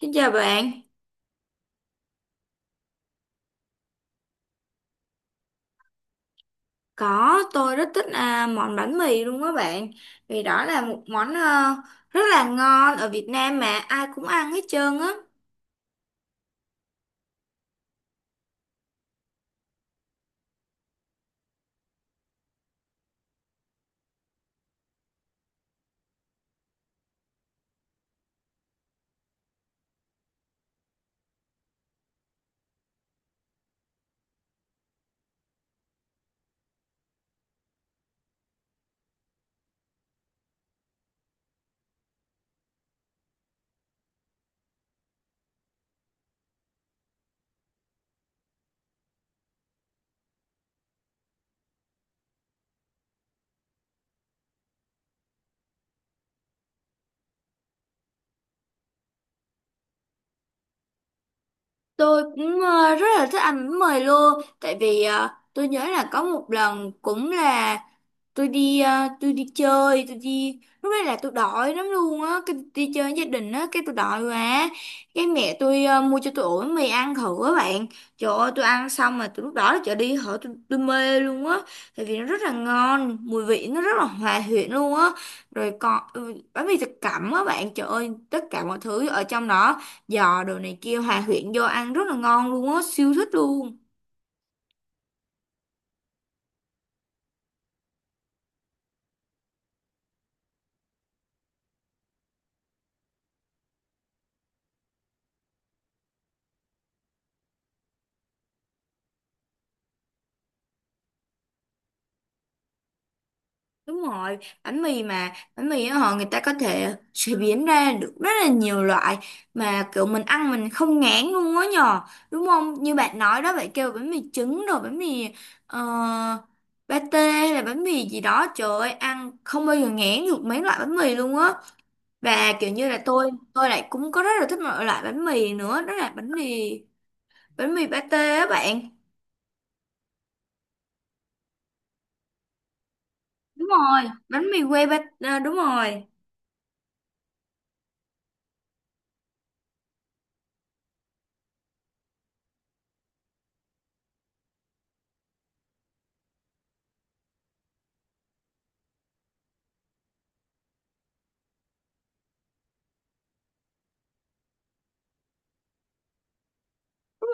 Xin chào bạn, có tôi rất thích món bánh mì luôn á bạn. Vì đó là một món rất là ngon ở Việt Nam mà ai cũng ăn hết trơn á. Tôi cũng rất là thích ăn bánh mì luôn. Tại vì tôi nhớ là có một lần cũng là tôi đi tôi đi chơi, tôi đi lúc đấy là tôi đói lắm luôn á, cái đi chơi với gia đình á, cái tôi đói quá, cái mẹ tôi mua cho tôi ổ bánh mì ăn thử á bạn. Trời ơi, tôi ăn xong mà tôi lúc đó là trở đi hở tôi mê luôn á, tại vì nó rất là ngon, mùi vị nó rất là hòa quyện luôn á. Rồi còn bánh mì thập cẩm á bạn, trời ơi tất cả mọi thứ ở trong đó, giò đồ này kia hòa quyện vô ăn rất là ngon luôn á, siêu thích luôn. Đúng rồi, bánh mì á họ, người ta có thể chế biến ra được rất là nhiều loại mà kiểu mình ăn mình không ngán luôn á nhờ, đúng không? Như bạn nói đó, bạn kêu bánh mì trứng rồi bánh mì uh, pate hay là bánh mì gì đó, trời ơi, ăn không bao giờ ngán được mấy loại bánh mì luôn á. Và kiểu như là tôi lại cũng có rất là thích một loại bánh mì nữa, đó là bánh mì pate á bạn. Đúng rồi, bánh mì que pate, à, đúng rồi.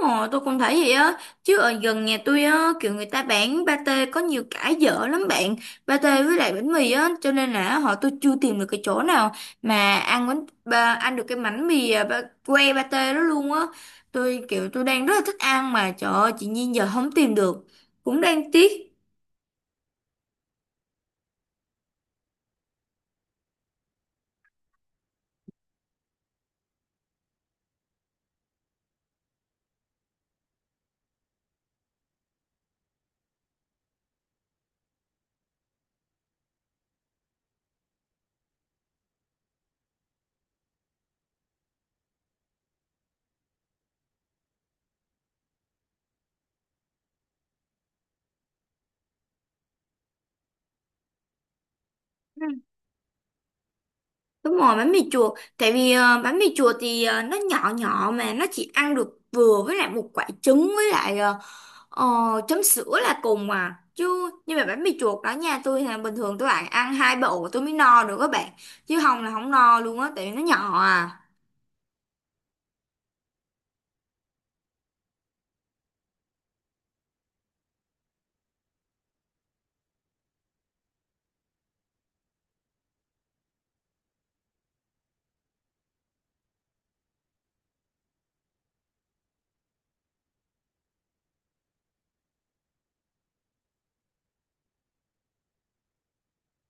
Ồ, tôi cũng thấy vậy á. Chứ ở gần nhà tôi á, kiểu người ta bán pate có nhiều cái dở lắm bạn. Pate với lại bánh mì á, cho nên là họ tôi chưa tìm được cái chỗ nào mà ăn bánh ba, ăn được cái bánh mì ba, que pate đó luôn á. Tôi kiểu tôi đang rất là thích ăn, mà trời ơi chị Nhiên giờ không tìm được, cũng đang tiếc. Ừ. Đúng rồi bánh mì chùa, tại vì bánh mì chùa thì nó nhỏ nhỏ, mà nó chỉ ăn được vừa với lại một quả trứng với lại Ờ, chấm sữa là cùng à chứ, nhưng mà bánh mì chuột đó nha, tôi là bình thường tôi bạn ăn hai bộ tôi mới no được các bạn, chứ không là không no luôn á tại vì nó nhỏ à.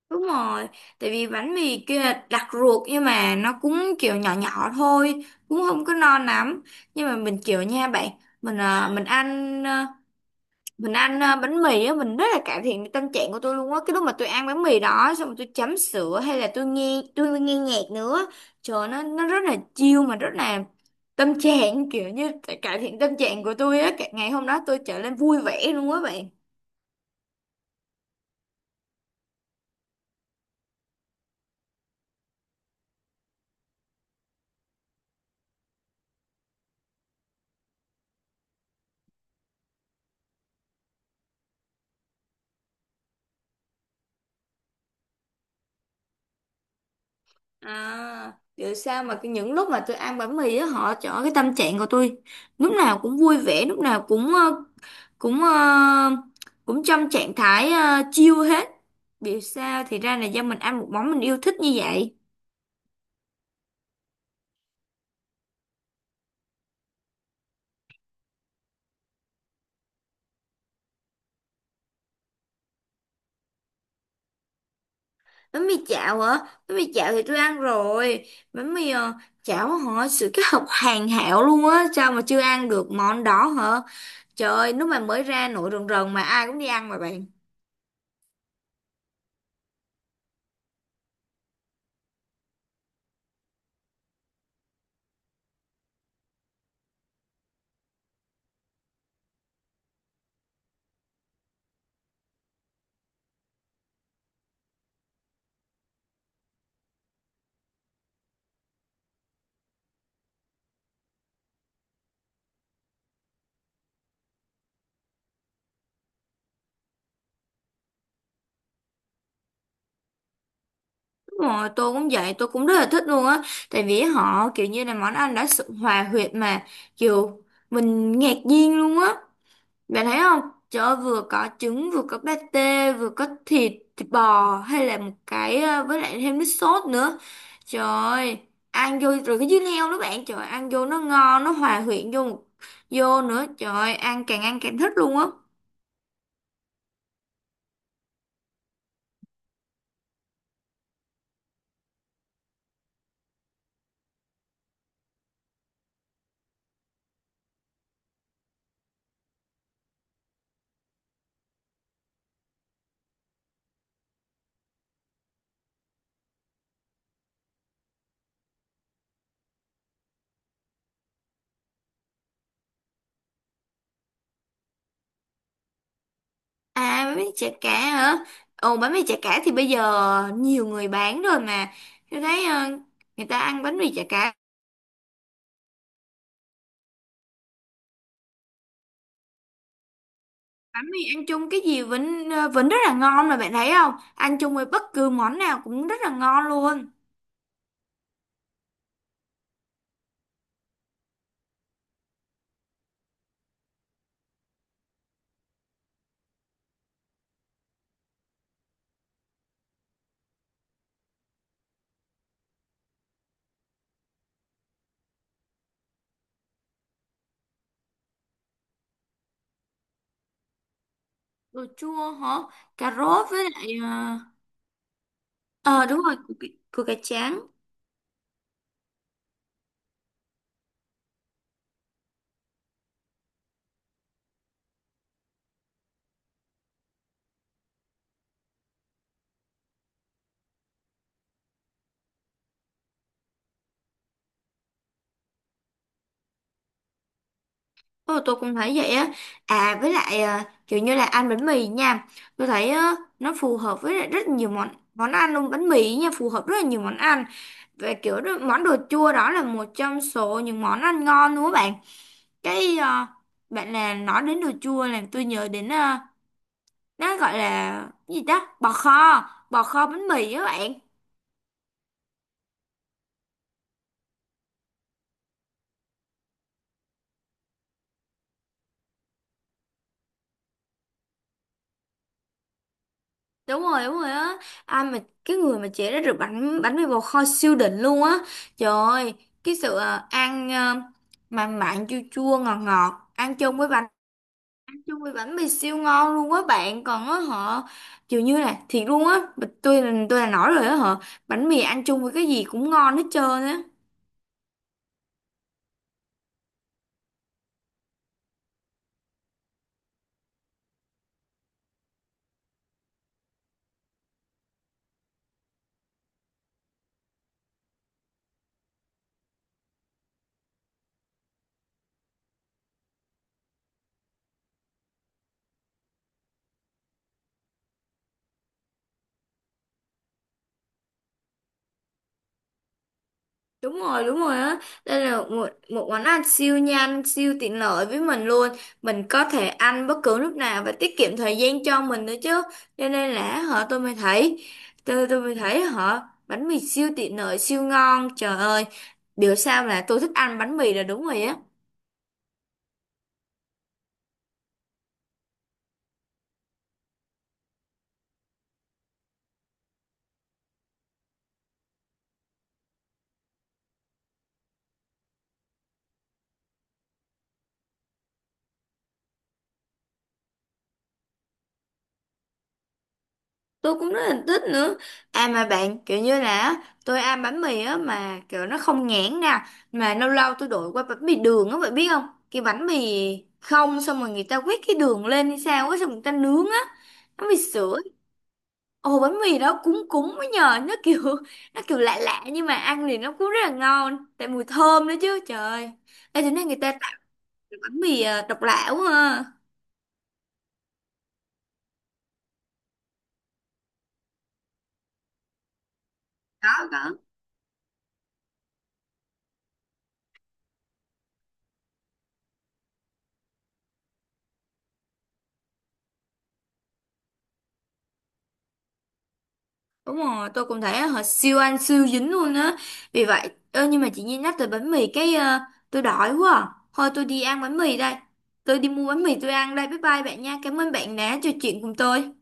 Đúng rồi, tại vì bánh mì kia là đặc ruột nhưng mà nó cũng kiểu nhỏ nhỏ thôi, cũng không có no lắm. Nhưng mà mình kiểu nha bạn, mình ăn, mình ăn bánh mì á, mình rất là cải thiện tâm trạng của tôi luôn á. Cái lúc mà tôi ăn bánh mì đó xong rồi tôi chấm sữa hay là tôi nghe nhạc nữa, trời nó rất là chill, mà rất là tâm trạng kiểu như cải thiện tâm trạng của tôi á. Cả- ngày hôm đó tôi trở nên vui vẻ luôn á bạn. À, vậy sao mà cái những lúc mà tôi ăn bánh mì á họ chọn cái tâm trạng của tôi lúc nào cũng vui vẻ, lúc nào cũng cũng ờ, cũng trong trạng thái chill hết. Biểu sao thì ra là do mình ăn một món mình yêu thích như vậy. Bánh mì chảo hả? Bánh mì chảo thì tôi ăn rồi. Bánh mì chảo họ sự kết hợp hoàn hảo luôn á, sao mà chưa ăn được món đó hả? Trời ơi lúc mà mới ra nổi rần rần mà ai cũng đi ăn mà bạn. Đúng rồi, tôi cũng vậy, tôi cũng rất là thích luôn á. Tại vì họ kiểu như là món ăn đã sự hòa huyệt mà, kiểu mình ngạc nhiên luôn á. Bạn thấy không? Trời ơi, vừa có trứng, vừa có pate, vừa có thịt, thịt bò, hay là một cái với lại thêm nước sốt nữa. Trời ơi, ăn vô rồi cái dưa leo đó bạn, trời ơi, ăn vô nó ngon, nó hòa quyện vô một- vô nữa. Trời ơi, ăn càng thích luôn á. À bánh mì chả cá hả? Ồ bánh mì chả cá thì bây giờ nhiều người bán rồi mà. Tôi thấy người ta ăn bánh mì chả cá, bánh mì ăn chung cái gì vẫn vẫn rất là ngon mà bạn thấy không? Ăn chung với bất cứ món nào cũng rất là ngon luôn. Đồ chua hả? Cà rốt với lại ờ, đúng rồi, củ cải trắng. Ồ tôi cũng thấy vậy á. À với lại kiểu như là ăn bánh mì nha. Tôi thấy nó phù hợp với lại rất nhiều món món ăn luôn. Bánh mì nha phù hợp rất là nhiều món ăn. Về kiểu đó, món đồ chua đó là một trong số những món ăn ngon đúng không bạn? Cái bạn là nói đến đồ chua làm tôi nhớ đến nó gọi là cái gì ta? Bò kho bánh mì á bạn. Đúng rồi á. Ai mà cái người mà chế ra được bánh bánh mì bò kho siêu đỉnh luôn á. Trời ơi, cái sự mặn mặn chua chua ngọt ngọt, ăn chung với bánh, chung với bánh mì siêu ngon luôn á bạn. Còn á họ, kiểu như là thiệt luôn á. Tôi là nói rồi á họ, bánh mì ăn chung với cái gì cũng ngon hết trơn á. Đúng rồi á. Đây là một món ăn siêu nhanh, siêu tiện lợi với mình luôn. Mình có thể ăn bất cứ lúc nào và tiết kiệm thời gian cho mình nữa chứ. Cho nên là họ tôi mới thấy, tôi mới thấy họ, bánh mì siêu tiện lợi siêu ngon. Trời ơi, biểu sao là tôi thích ăn bánh mì là đúng rồi á. Tôi cũng rất là thích nữa. À mà bạn kiểu như là á, tôi ăn bánh mì á mà kiểu nó không nhãn nè, mà lâu lâu tôi đổi qua bánh mì đường á bạn biết không? Cái bánh mì không xong rồi người ta quét cái đường lên hay sao á, xong người ta nướng á, bánh mì sữa. Ồ bánh mì đó cúng cúng mới nhờ, nó kiểu, nó kiểu lạ lạ nhưng mà ăn thì nó cũng rất là ngon tại mùi thơm nữa chứ. Trời ơi, ê thế này người ta tạo được bánh mì độc lạ quá ha. Có có. Đúng rồi, tôi cũng thấy họ siêu ăn siêu dính luôn á. Vì vậy, ơ nhưng mà chị Nhi nhắc tới bánh mì cái tôi đói quá. À. Thôi tôi đi ăn bánh mì đây. Tôi đi mua bánh mì tôi ăn đây. Bye bye bạn nha. Cảm ơn bạn đã trò chuyện cùng tôi.